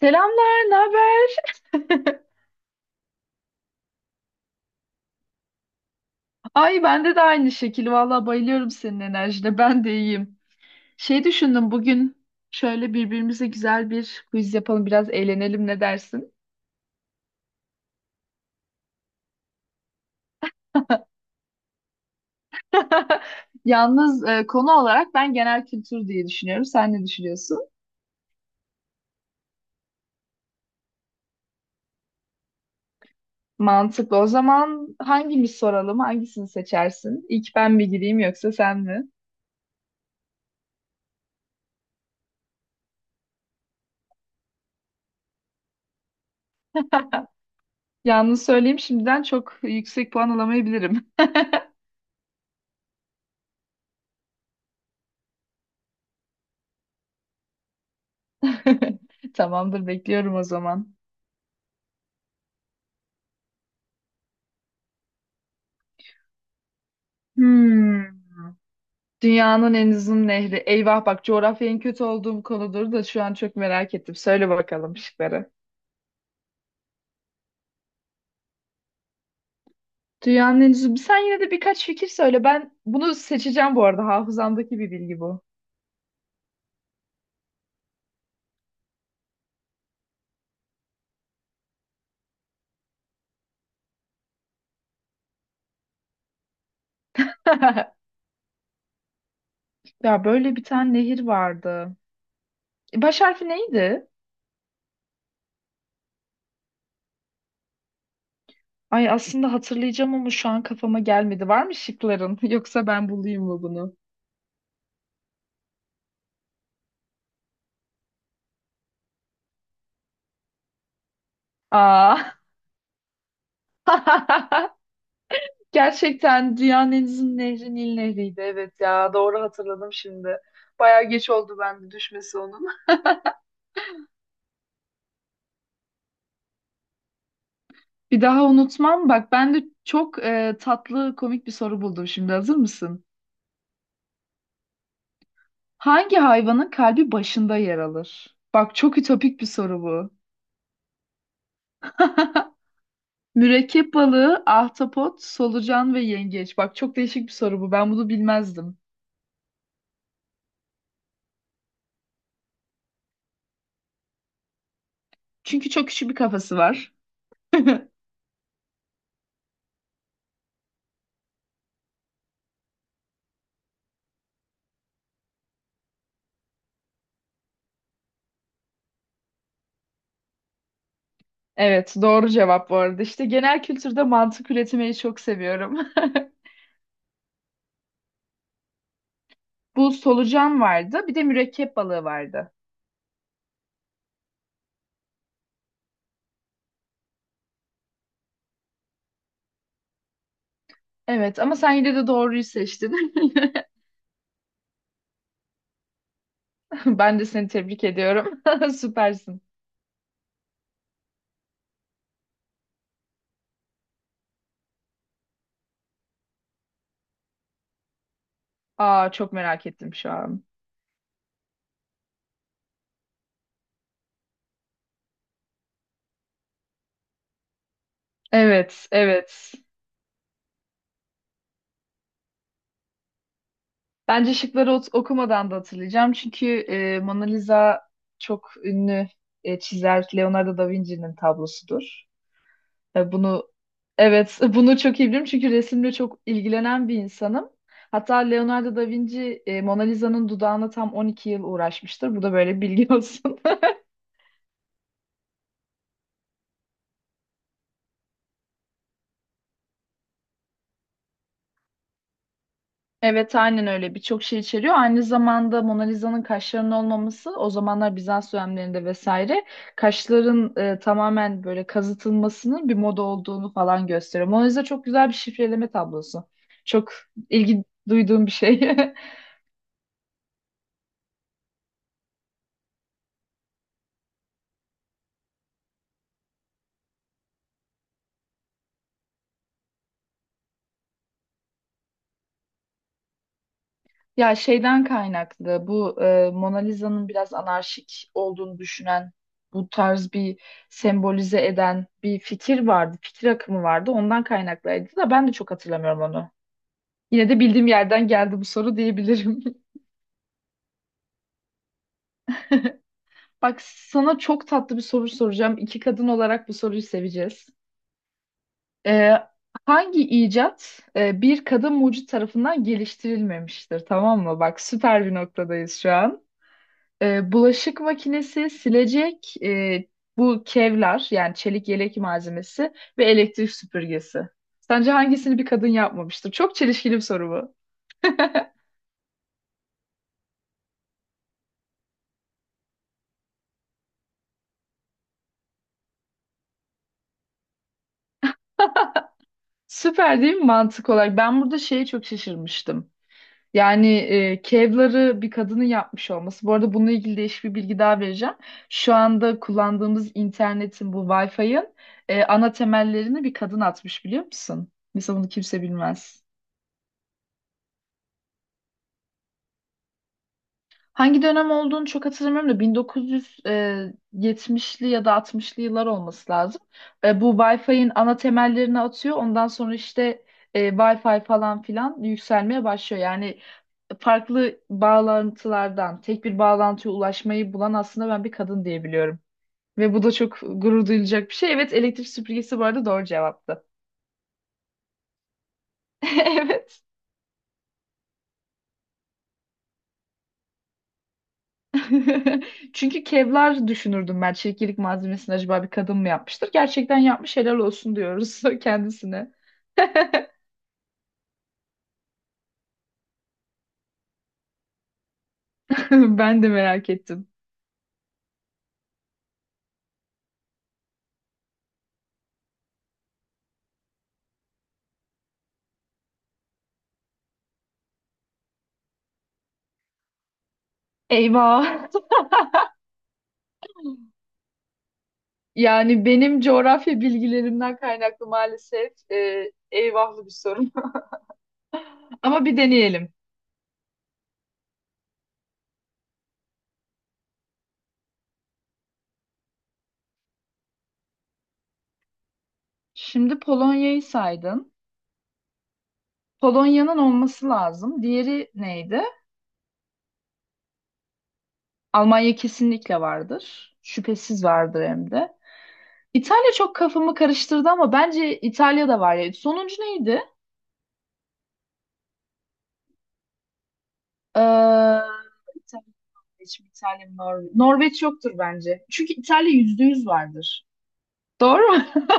Selamlar, ne haber? Ay bende de aynı şekil. Vallahi bayılıyorum senin enerjine. Ben de iyiyim. Şey düşündüm bugün şöyle birbirimize güzel bir quiz yapalım, biraz eğlenelim ne dersin? Yalnız konu olarak ben genel kültür diye düşünüyorum. Sen ne düşünüyorsun? Mantıklı. O zaman hangimiz soralım? Hangisini seçersin? İlk ben mi gireyim yoksa sen mi? Yalnız söyleyeyim şimdiden çok yüksek puan alamayabilirim. Tamamdır, bekliyorum o zaman. Hmm. Dünyanın en uzun nehri. Eyvah bak coğrafya en kötü olduğum konudur da şu an çok merak ettim. Söyle bakalım şıkları. Dünyanın en uzun. Sen yine de birkaç fikir söyle. Ben bunu seçeceğim bu arada. Hafızamdaki bir bilgi bu. Ya böyle bir tane nehir vardı. Baş harfi neydi? Ay aslında hatırlayacağım ama şu an kafama gelmedi. Var mı şıkların? Yoksa ben bulayım mı bunu? Aa. Gerçekten dünyanın en uzun nehri Nil Nehri'ydi. Evet ya doğru hatırladım şimdi. Bayağı geç oldu bende düşmesi onun. Bir daha unutmam. Bak ben de çok tatlı komik bir soru buldum şimdi. Hazır mısın? Hangi hayvanın kalbi başında yer alır? Bak çok ütopik bir soru bu. Mürekkep balığı, ahtapot, solucan ve yengeç. Bak çok değişik bir soru bu. Ben bunu bilmezdim. Çünkü çok küçük bir kafası var. Evet, doğru cevap bu arada. İşte genel kültürde mantık üretmeyi çok seviyorum. Bu solucan vardı. Bir de mürekkep balığı vardı. Evet ama sen yine de doğruyu seçtin. Ben de seni tebrik ediyorum. Süpersin. Aa çok merak ettim şu an. Evet, evet. Bence şıkları okumadan da hatırlayacağım. Çünkü Mona Lisa çok ünlü çizer Leonardo da Vinci'nin tablosudur. Bunu, evet, bunu çok iyi biliyorum çünkü resimle çok ilgilenen bir insanım. Hatta Leonardo da Vinci Mona Lisa'nın dudağına tam 12 yıl uğraşmıştır. Bu da böyle bilgi olsun. Evet aynen öyle birçok şey içeriyor. Aynı zamanda Mona Lisa'nın kaşlarının olmaması o zamanlar Bizans dönemlerinde vesaire kaşların tamamen böyle kazıtılmasının bir moda olduğunu falan gösteriyor. Mona Lisa çok güzel bir şifreleme tablosu. Çok ilgi duyduğum bir şey. Ya şeyden kaynaklı bu Mona Lisa'nın biraz anarşik olduğunu düşünen bu tarz bir sembolize eden bir fikir vardı. Fikir akımı vardı. Ondan kaynaklıydı da ben de çok hatırlamıyorum onu. Yine de bildiğim yerden geldi bu soru diyebilirim. Bak sana çok tatlı bir soru soracağım. İki kadın olarak bu soruyu seveceğiz. E, hangi icat bir kadın mucit tarafından geliştirilmemiştir? Tamam mı? Bak süper bir noktadayız şu an. Bulaşık makinesi, silecek, bu kevlar yani çelik yelek malzemesi ve elektrik süpürgesi. Sence hangisini bir kadın yapmamıştır? Çok çelişkili bir soru bu. Süper değil mi mantık olarak? Ben burada şeye çok şaşırmıştım. Yani kevları bir kadının yapmış olması. Bu arada bununla ilgili değişik bir bilgi daha vereceğim. Şu anda kullandığımız internetin bu Wi-Fi'ın ana temellerini bir kadın atmış biliyor musun? Mesela bunu kimse bilmez. Hangi dönem olduğunu çok hatırlamıyorum da 1970'li ya da 60'lı yıllar olması lazım. Bu Wi-Fi'nin ana temellerini atıyor. Ondan sonra işte Wi-Fi falan filan yükselmeye başlıyor. Yani farklı bağlantılardan tek bir bağlantıya ulaşmayı bulan aslında ben bir kadın diyebiliyorum. Ve bu da çok gurur duyulacak bir şey. Evet elektrik süpürgesi bu arada doğru cevaptı. Evet. Çünkü Kevlar düşünürdüm ben. Çekirdek malzemesini acaba bir kadın mı yapmıştır? Gerçekten yapmış helal olsun diyoruz kendisine. Ben de merak ettim. Eyvah. Yani benim coğrafya bilgilerimden kaynaklı maalesef eyvahlı bir sorun. Ama bir deneyelim. Şimdi Polonya'yı saydın. Polonya'nın olması lazım. Diğeri neydi? Almanya kesinlikle vardır. Şüphesiz vardır hem de. İtalya çok kafamı karıştırdı ama bence İtalya da var ya. Sonuncu neydi? Ee, İtalya, Norveç, mi? İtalya, mı? Norveç. Norveç yoktur bence. Çünkü İtalya %100 vardır. Doğru mu?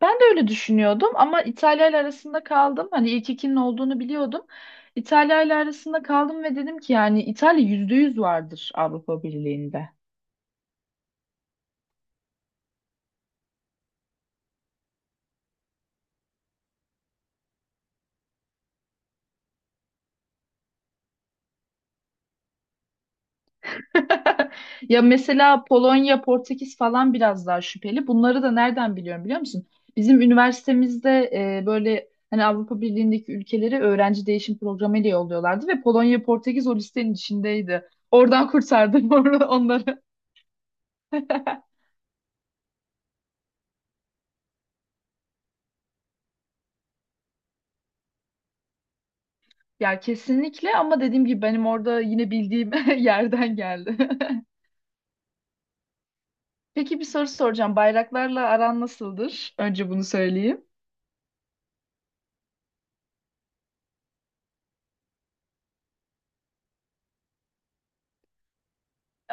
Ben de öyle düşünüyordum ama İtalya ile arasında kaldım. Hani ilk ikinin olduğunu biliyordum. İtalya ile arasında kaldım ve dedim ki yani İtalya %100 vardır Avrupa Birliği'nde. Ya mesela Polonya, Portekiz falan biraz daha şüpheli. Bunları da nereden biliyorum biliyor musun? Bizim üniversitemizde böyle hani Avrupa Birliği'ndeki ülkeleri öğrenci değişim programı ile yolluyorlardı ve Polonya, Portekiz o listenin içindeydi. Oradan kurtardım onları. Ya kesinlikle ama dediğim gibi benim orada yine bildiğim yerden geldi. Peki bir soru soracağım. Bayraklarla aran nasıldır? Önce bunu söyleyeyim.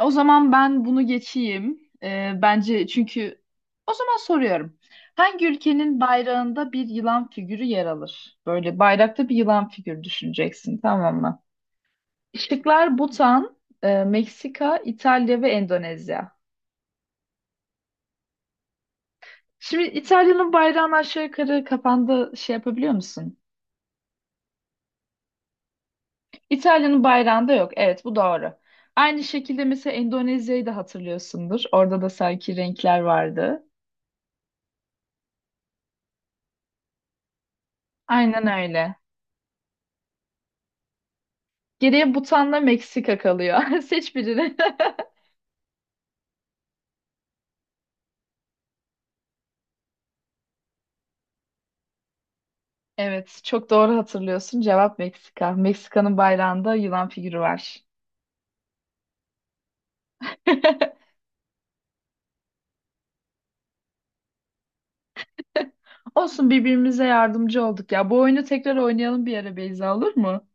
O zaman ben bunu geçeyim. Bence çünkü o zaman soruyorum. Hangi ülkenin bayrağında bir yılan figürü yer alır? Böyle bayrakta bir yılan figürü düşüneceksin, tamam mı? Şıklar Butan, Meksika, İtalya ve Endonezya. Şimdi İtalya'nın bayrağını aşağı yukarı kafanda şey yapabiliyor musun? İtalya'nın bayrağında yok. Evet, bu doğru. Aynı şekilde mesela Endonezya'yı da hatırlıyorsundur. Orada da sanki renkler vardı. Aynen öyle. Geriye Butan'la Meksika kalıyor. Seç birini. Evet, çok doğru hatırlıyorsun. Cevap Meksika. Meksika'nın bayrağında yılan figürü var. Olsun birbirimize yardımcı olduk ya. Bu oyunu tekrar oynayalım bir ara Beyza olur mu?